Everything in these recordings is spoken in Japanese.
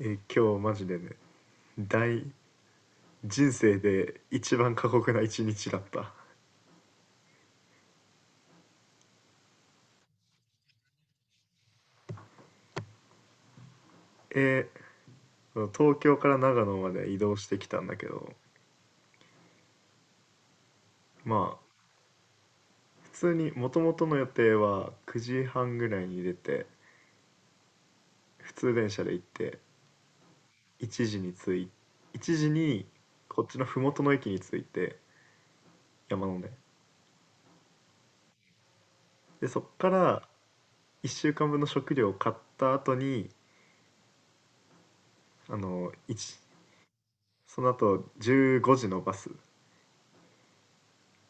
今日マジでね、大人生で一番過酷な一日だった。え東京から長野まで移動してきたんだけど、まあ普通にもともとの予定は9時半ぐらいに出て、普通電車で行って、1時に着い1時にこっちの麓の駅に着いて、山のね。でそっから1週間分の食料を買った後に、あの1その後15時のバス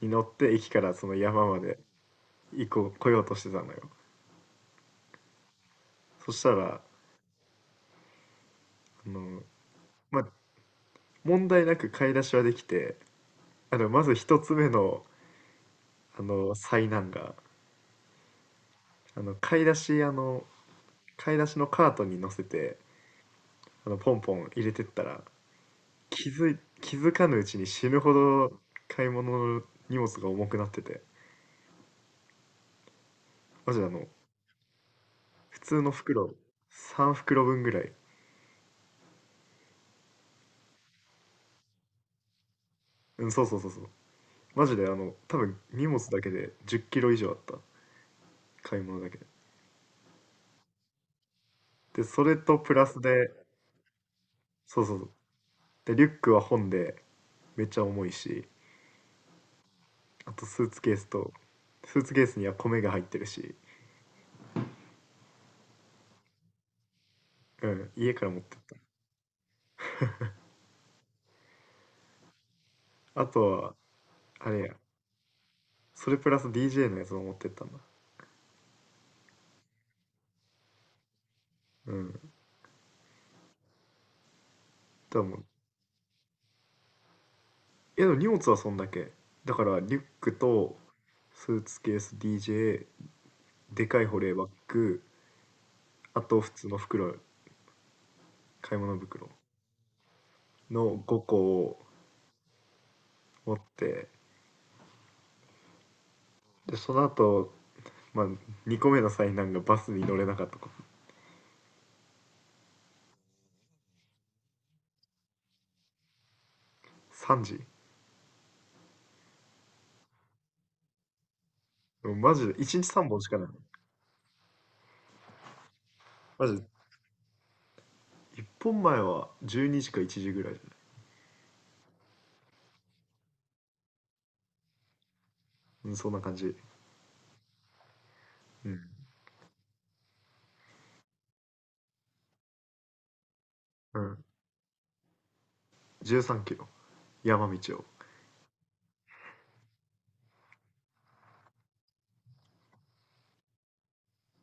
に乗って駅からその山まで以降来ようとしてたのよ。そしたらの、まあ、問題なく買い出しはできて、まず一つ目の災難が、あの買い出しあの買い出しのカートに乗せて、ポンポン入れてったら、気づかぬうちに死ぬほど買い物の荷物が重くなってて、マジで普通の袋3袋分ぐらい。うん、そうそうそうそう。マジで多分荷物だけで10キロ以上あった。買い物だけで。でそれとプラスで、そうそうそう。で、リュックは本でめっちゃ重いし、あとスーツケースと、スーツケースには米が入ってるし、うん、家から持ってった。あとは、あれや、それプラス DJ のやつも持ってったんだ。うん。でも、でも荷物はそんだけ。だから、リュックと、スーツケース、DJ、でかい保冷バッグ、あと普通の袋、買い物袋の5個を持って、で、その後、まあ、2個目の災難がバスに乗れなかったこと。3時。でもマジで1日3本しかない。マジで1本前は12時か1時ぐらいじゃない？うん、そんな感じ。うん。うん。13キロ。山道を。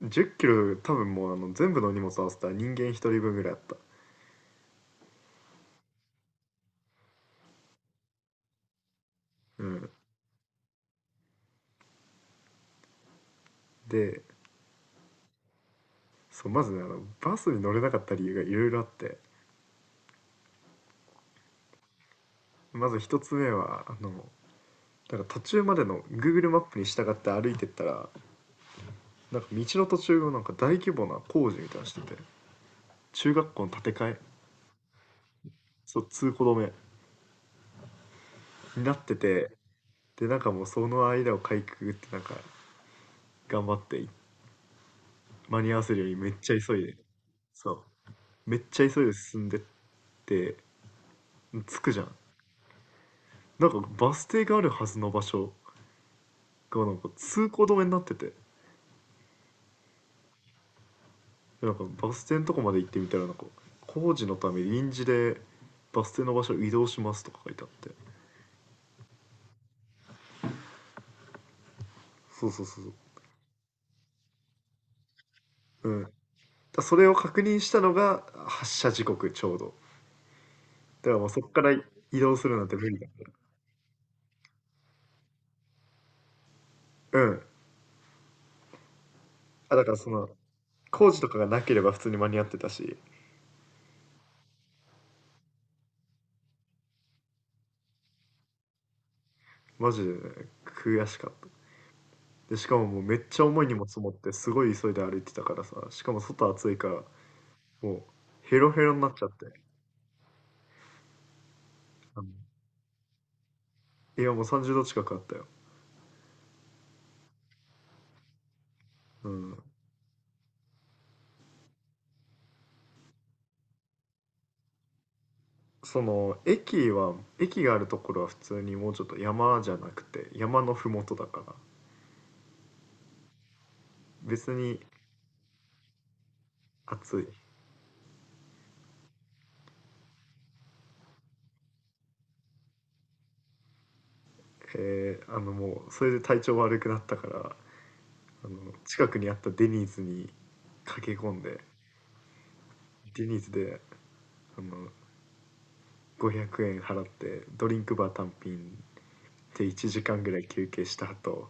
10キロ、多分もう全部の荷物合わせたら人間1人分ぐらいあった。うん。で、そう、まずね、バスに乗れなかった理由がいろいろあって。まず1つ目は、なんか途中までの Google マップに従って歩いてったら、なんか道の途中をなんか大規模な工事みたいなのしてて、中学校の建て替え、そう、通行止めになってて、でなんかもうその間をかいくぐってなんか頑張って間に合わせるようにめっちゃ急いで、そう、めっちゃ急いで進んでって着くじゃん。なんかバス停があるはずの場所がなんか通行止めになってて、なんかバス停のとこまで行ってみたらなんか工事のため臨時でバス停の場所を移動しますとか書いてあって、そうそうそうそう。うん。だそれを確認したのが発車時刻ちょうど。だからもうそこから移動するなんて無理だから。うん。だからその工事とかがなければ普通に間に合ってたし、マジでね、悔しかった。で、しかももうめっちゃ重い荷物持ってすごい急いで歩いてたからさ、しかも外暑いから、もうヘロヘロになっちゃって。ういや、もう30度近くあったよ。うん。その駅は、駅があるところは普通にもうちょっと山じゃなくて山のふもとだから、別に暑い。もうそれで体調悪くなったから、近くにあったデニーズに駆け込んで、デニーズであの500円払ってドリンクバー単品で1時間ぐらい休憩した後、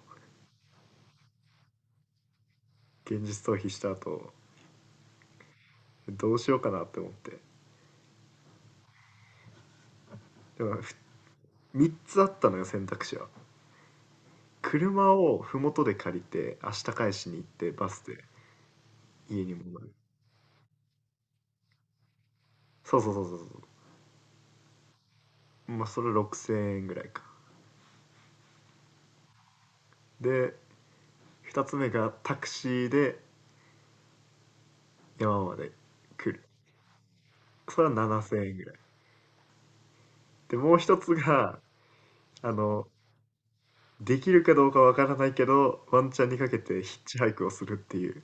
現実逃避した後どうしようかなって思って、でも3つあったのよ、選択肢は。車を麓で借りて明日返しに行ってバスで家に戻る、そうそうそうそうそう、まあそれ6,000円ぐらいか。で2つ目がタクシーで山まで来る、それは7,000円ぐらい。でもう一つが、あのできるかどうかわからないけど、ワンチャンにかけてヒッチハイクをするっていう。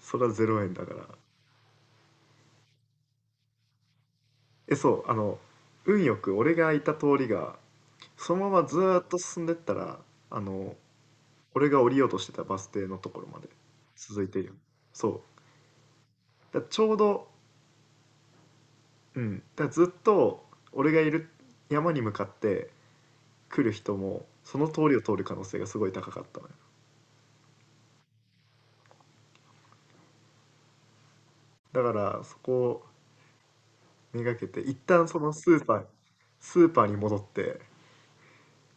それは0円だから。そう、運よく俺がいた通りが、そのままずーっと進んでったら、あの、俺が降りようとしてたバス停のところまで続いてるよ。そう。だからちょうど、うん。だからずっと俺がいる山に向かって来る人も、その通りを通る可能性がすごい高かったのよ。だからそこをめがけて、一旦そのスーパーに戻って、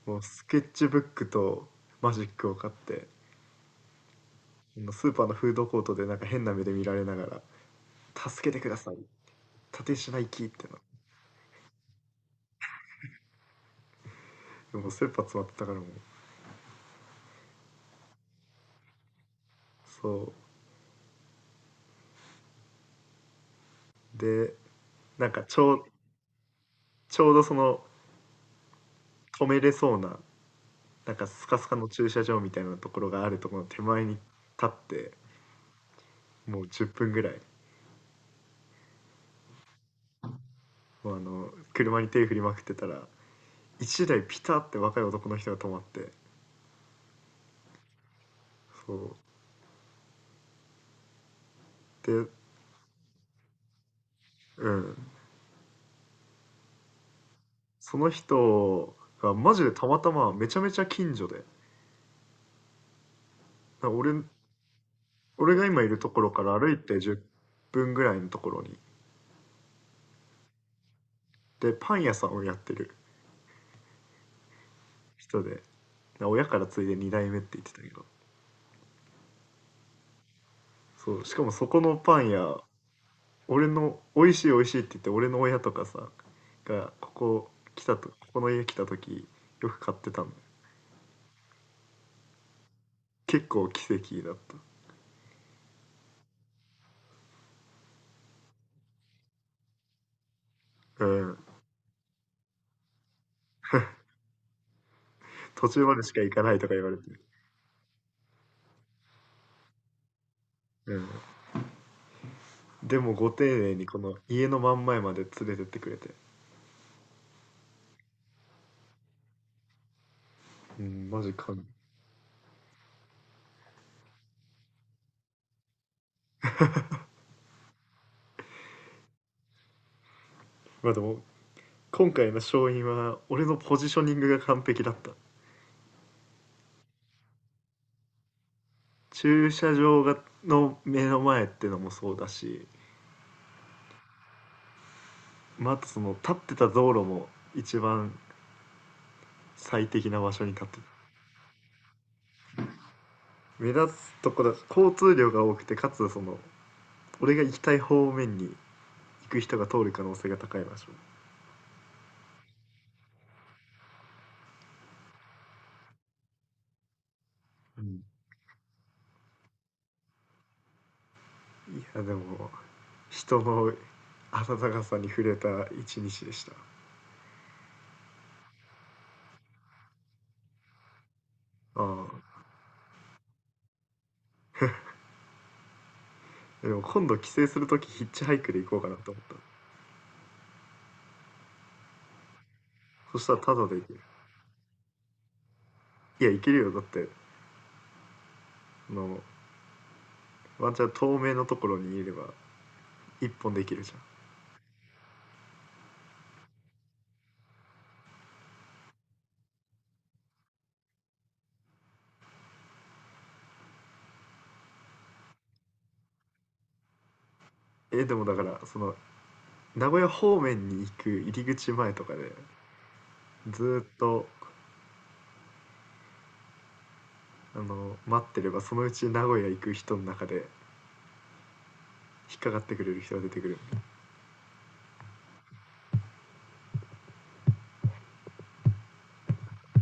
もうスケッチブックとマジックを買って、スーパーのフードコートでなんか変な目で見られながら「助けてください、立石マイキー」ってのでもう切羽詰まってたから、もう、そうで、なんかちょうどその止めれそうななんかスカスカの駐車場みたいなところがあるところの手前に立って、もう10分ぐらい、もう車に手振りまくってたら1台ピタって若い男の人が止まって、そうで、うん、その人がマジでたまたまめちゃめちゃ近所で、俺、俺が今いるところから歩いて10分ぐらいのところに、で、パン屋さんをやってる人で、親から継いで2代目って言ってたけど、そう、しかもそこのパン屋、美味しい美味しいって言って、俺の親とかさ、が、ここの家来た時、よく買ってたの。結構奇跡だった。うん。途中までしか行かないとか言われて。うん。でもご丁寧にこの家の真ん前まで連れてってくれて。うん、マジか。まあでも、今回の勝因は、俺のポジショニングが完璧だった。駐車場の目の前ってのもそうだし、またその立ってた道路も一番最適な場所に立ってた。目立つとこだし、交通量が多くて、かつその、俺が行きたい方面に行く人が通る可能性が高い場所。うん、いや、でも、人の温かさに触れた一日でした。ああ、でも今度帰省する時ヒッチハイクで行こうかなと思った。そしたらタダでいける。いや、いけるよ、だってあのワンチャン透明のところにいれば一本できるじゃん。でもだからその名古屋方面に行く入り口前とかで、ずーっと待ってれば、そのうち名古屋行く人の中で引っかかってくれる人が出てくる